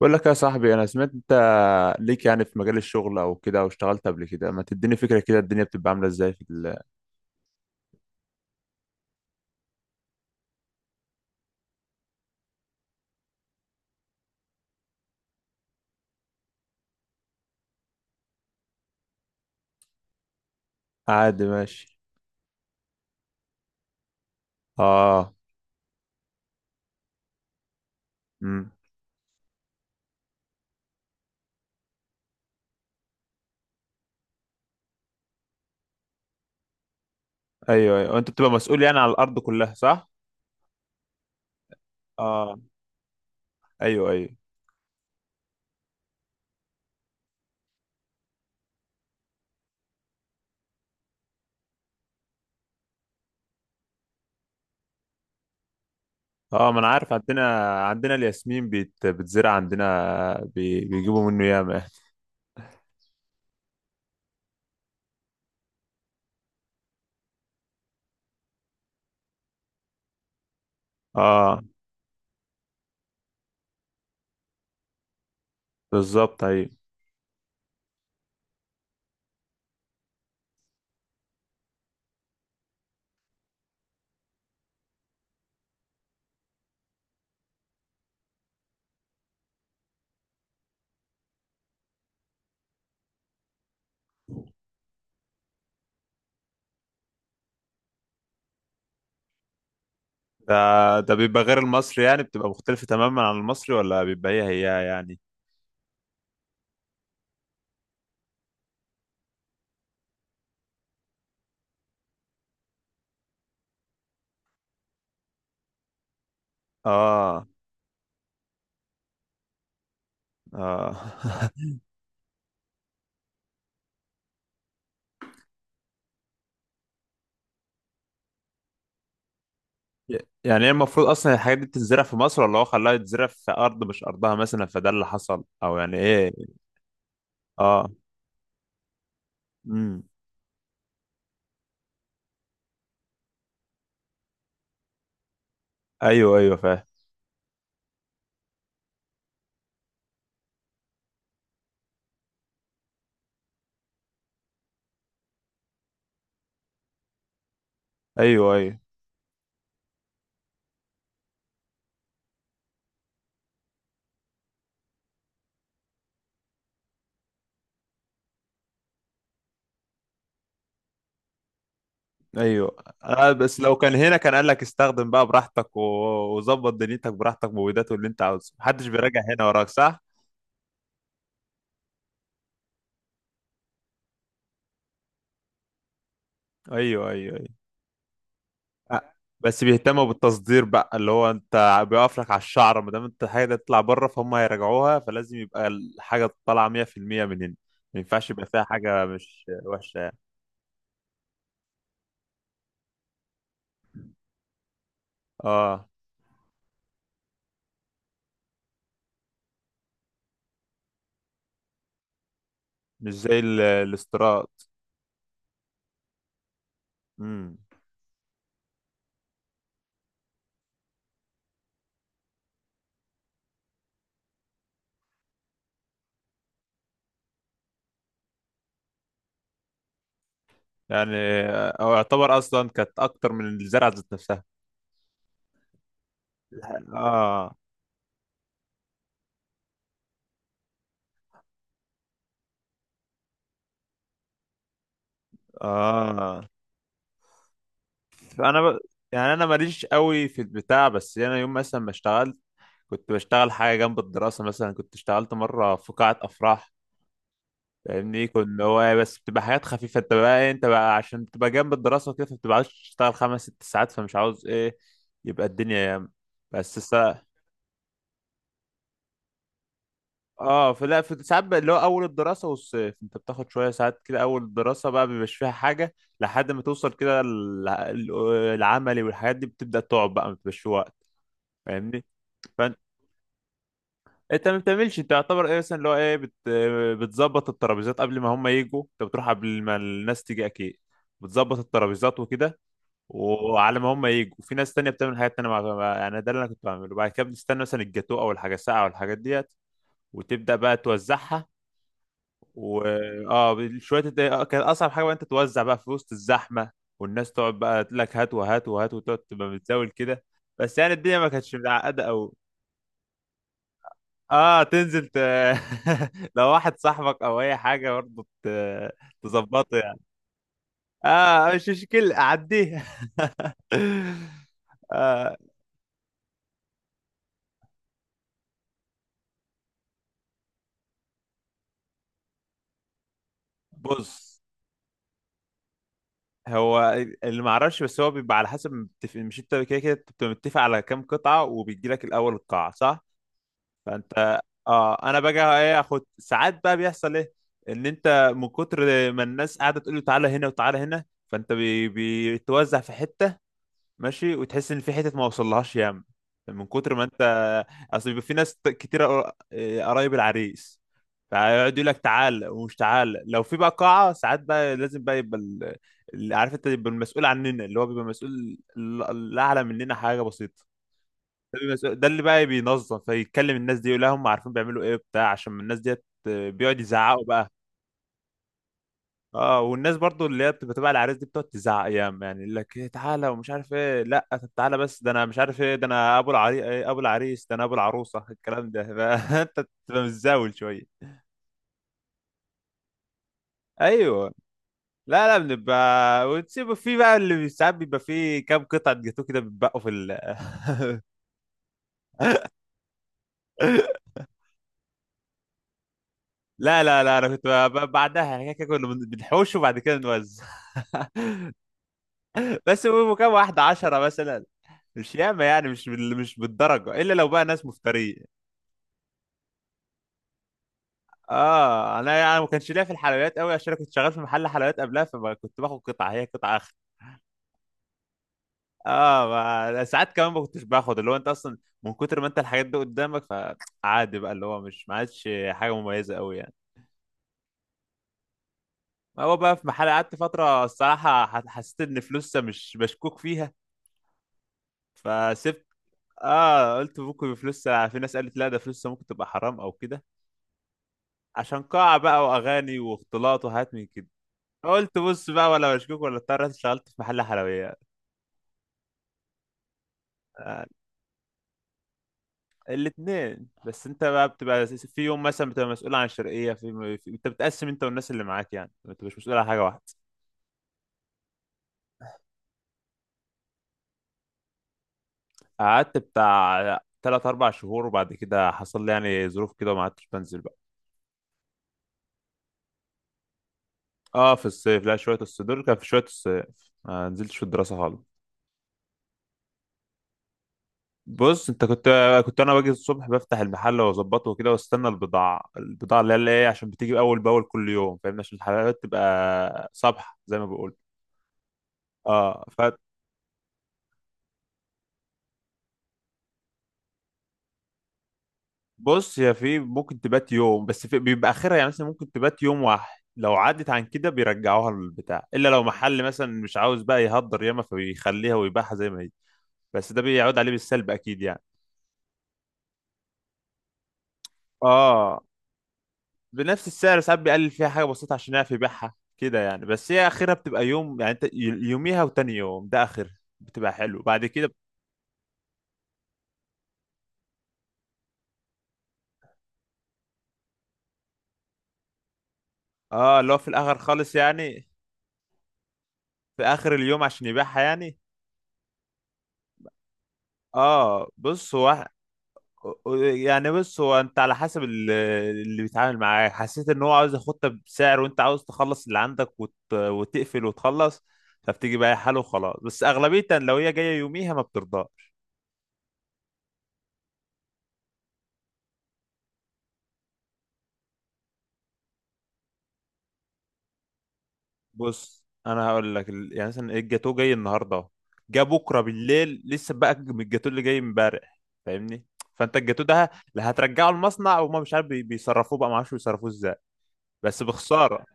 بقول لك يا صاحبي، انا سمعت انت ليك يعني في مجال الشغل او كده، او اشتغلت قبل كده. ما تديني فكرة كده الدنيا بتبقى عاملة ازاي في عادي ماشي. اه. امم. ايوه ايوه، انت بتبقى مسؤول يعني على الارض كلها، صح؟ اه. ايوه ايوه. اه ما انا عارف، عندنا الياسمين بتزرع عندنا بيجيبوا منه ياما يعني. اه بالظبط، ايوه. ده ده بيبقى غير المصري يعني، بتبقى مختلفة تماما عن المصري، ولا بيبقى هي هي يعني؟ اه. اه. يعني هي المفروض اصلا الحاجات دي بتتزرع في مصر، ولا هو خلاها تتزرع في ارض مش ارضها مثلا فده اللي حصل، او يعني ايه؟ اه. امم. ايوه ايوه، فاهم. ايوه ايوه ايوه. آه بس لو كان هنا كان قال لك استخدم بقى براحتك وظبط دنيتك براحتك، مبيدات اللي انت عاوزه محدش بيراجع هنا وراك، صح؟ ايوه ايوه أيوه. آه. بس بيهتموا بالتصدير بقى، اللي هو انت بيقف لك على الشعر. ما دام انت حاجه تطلع بره فهم هيراجعوها، فلازم يبقى الحاجه طالعه 100% من هنا. ما ينفعش يبقى فيها حاجه مش وحشه يعني. اه مش زي الاستيراد. امم. يعني او يعتبر اصلا كانت اكتر من الزرعه ذات نفسها. اه. اه. فانا ب... يعني انا ماليش قوي في البتاع، بس انا يوم مثلا ما اشتغلت كنت بشتغل حاجه جنب الدراسه. مثلا كنت اشتغلت مره في قاعه افراح، فاهمني؟ كنا هو بس بتبقى حاجات خفيفة. انت بقى ايه، انت بقى عشان بتبقى جنب الدراسة وكده فبتبقى عاوز تشتغل خمس ست ساعات، فمش عاوز ايه يبقى الدنيا ياما. بس سا... اه فلا، في ساعات بقى اللي هو اول الدراسة والصيف انت بتاخد شوية ساعات كده. اول الدراسة بقى مبيبقاش فيها حاجة، لحد ما توصل كده العملي والحاجات دي بتبدأ تقعد، بقى مبيبقاش في وقت، فاهمني؟ فانت انت ما بتعملش، انت يعتبر ايه مثلا اللي هو ايه بتظبط الترابيزات قبل ما هم يجوا. انت بتروح قبل ما الناس تيجي اكيد، بتظبط الترابيزات وكده وعلى ما هم يجوا، وفي ناس تانية بتعمل حاجات تانية يعني ده اللي أنا كنت بعمله. بعد كده بنستنى مثلا الجاتو أو الحاجة الساقعة أو الحاجات ديت، وتبدأ بقى توزعها. و اه شوية كانت أصعب حاجة بقى أنت توزع بقى في وسط الزحمة، والناس تقعد بقى تقول لك هات وهات وهات، وتقعد تبقى متزاول كده. بس يعني الدنيا ما كانتش متعقدة أوي. اه تنزل لو واحد صاحبك أو أي حاجة برضه تظبطه يعني. اه مش مشكلة أعديها. آه. بص هو اللي ما اعرفش، بس هو بيبقى على حسب مش انت كده كده أنت بتبقى متفق على كام قطعه، وبيجي لك الاول القاعه، صح؟ فانت اه انا باجي ايه اخد ساعات بقى، بيحصل ايه ان انت من كتر ما الناس قاعده تقول له تعالى هنا وتعالى هنا، فانت بيتوزع في حته، ماشي، وتحس ان في حتت ما وصلهاش ياما من كتر ما انت. اصل بيبقى في ناس كتير قرايب العريس، فيقعد يقول لك تعال، ومش تعال. لو في بقى قاعه ساعات بقى لازم بقى يبقى اللي عارف انت يبقى المسؤول عننا، اللي هو بيبقى مسؤول اللي اعلى مننا حاجه بسيطه، ده، ده اللي بقى بينظم، فيتكلم الناس دي يقول لهم عارفين بيعملوا ايه بتاع، عشان الناس ديت آه، بيقعد يزعقوا بقى. اه. والناس برضو اللي هي بتبقى تبع العريس دي بتقعد تزعق ايام يعني، يقول لك ايه تعالى ومش عارف ايه، لا طب تعالى بس، ده انا مش عارف ايه، ده انا ابو العري إيه، ابو العريس، ده انا ابو العروسه الكلام ده. فانت بتبقى متزاول شويه. ايوه. لا لا، بنبقى وتسيبوا في بقى اللي ساعات بيبقى فيه كام قطعه جاتوه كده بيتبقوا في ال لا لا لا، انا كنت بعدها يعني كده كنا بنحوش وبعد كده نوزع. بس بيبقوا كام واحده، عشرة مثلا، مش ياما يعني، مش مش بالدرجه، الا لو بقى ناس مفتريين. اه انا يعني ما كانش ليا في الحلويات قوي، عشان انا كنت شغال في محل حلويات قبلها، فما كنت باخد قطعه هي قطعه اخر. اه ما... ساعات كمان ما كنتش باخد اللي هو انت اصلا من كتر ما انت الحاجات دي قدامك، فعادي بقى اللي هو مش ما عادش حاجه مميزه قوي يعني. ما هو بقى في محل قعدت فتره الصراحه حسيت ان فلوسها مش مشكوك فيها فسبت. اه قلت ممكن فلوسها، في ناس قالت لا ده فلوسها ممكن تبقى حرام او كده، عشان قاعه بقى واغاني واختلاط وحاجات من كده. قلت بص بقى، ولا مشكوك، ولا اضطريت اشتغلت في محل حلويات. آه. الاثنين، بس انت بقى بتبقى في يوم مثلا بتبقى مسؤول عن الشرقيه في انت بتقسم انت والناس اللي معاك، يعني انت مش مسؤول عن حاجه واحده. قعدت بتاع تلات اربع شهور، وبعد كده حصل لي يعني ظروف كده وما عدتش بنزل بقى. اه في الصيف. لا شويه الصيف، دول كان في شويه الصيف، ما نزلتش في الدراسه خالص. بص انت كنت انا باجي الصبح بفتح المحل واظبطه وكده، واستنى البضاعه، البضاعه اللي هي عشان بتيجي اول باول كل يوم، فاهمني؟ عشان الحلقات تبقى صبح زي ما بقول. اه بص هي في ممكن تبات يوم، بس في بيبقى اخرها يعني، مثلا ممكن تبات يوم واحد، لو عدت عن كده بيرجعوها للبتاع، الا لو محل مثلا مش عاوز بقى يهدر ياما فبيخليها ويبيعها زي ما هي، بس ده بيعود عليه بالسلب اكيد يعني. اه بنفس السعر. ساعات بيقلل فيها حاجه بسيطه عشان يعرف يبيعها كده يعني، بس هي اخرها بتبقى يوم يعني. انت يوميها، وتاني يوم ده اخر، بتبقى حلو بعد كده. اه اللي هو في الاخر خالص يعني، في اخر اليوم عشان يبيعها يعني. اه بص هو انت على حسب اللي بيتعامل معاه. حسيت ان هو عاوز ياخدها بسعر، وانت عاوز تخلص اللي عندك وتقفل وتخلص، فبتيجي بقى حاله وخلاص، بس اغلبيه لو هي جايه يوميها ما بترضاش. بص انا هقول لك يعني مثلا الجاتوه جاي النهارده اهو، جه بكره بالليل لسه بقى من الجاتوه اللي جاي امبارح، فاهمني؟ فانت الجاتوه ده لا هترجعه المصنع، وما مش عارف بيصرفوه بقى، ما اعرفش بيصرفوه ازاي، بس بخساره.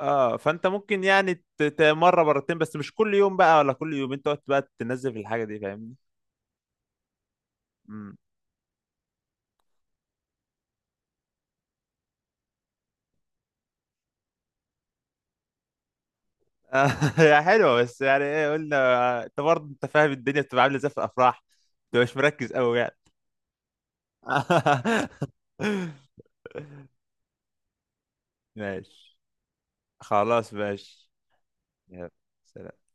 اه فانت ممكن يعني مره مرتين، بس مش كل يوم بقى ولا كل يومين تقعد بقى تنزل في الحاجه دي، فاهمني؟ امم. آه، هي حلوه، بس يعني ايه قلنا آه، انت برضه انت فاهم الدنيا بتبقى عامله ازاي في الافراح، انت مش مركز قوي يعني. ماشي، خلاص ماشي، يلا، سلام.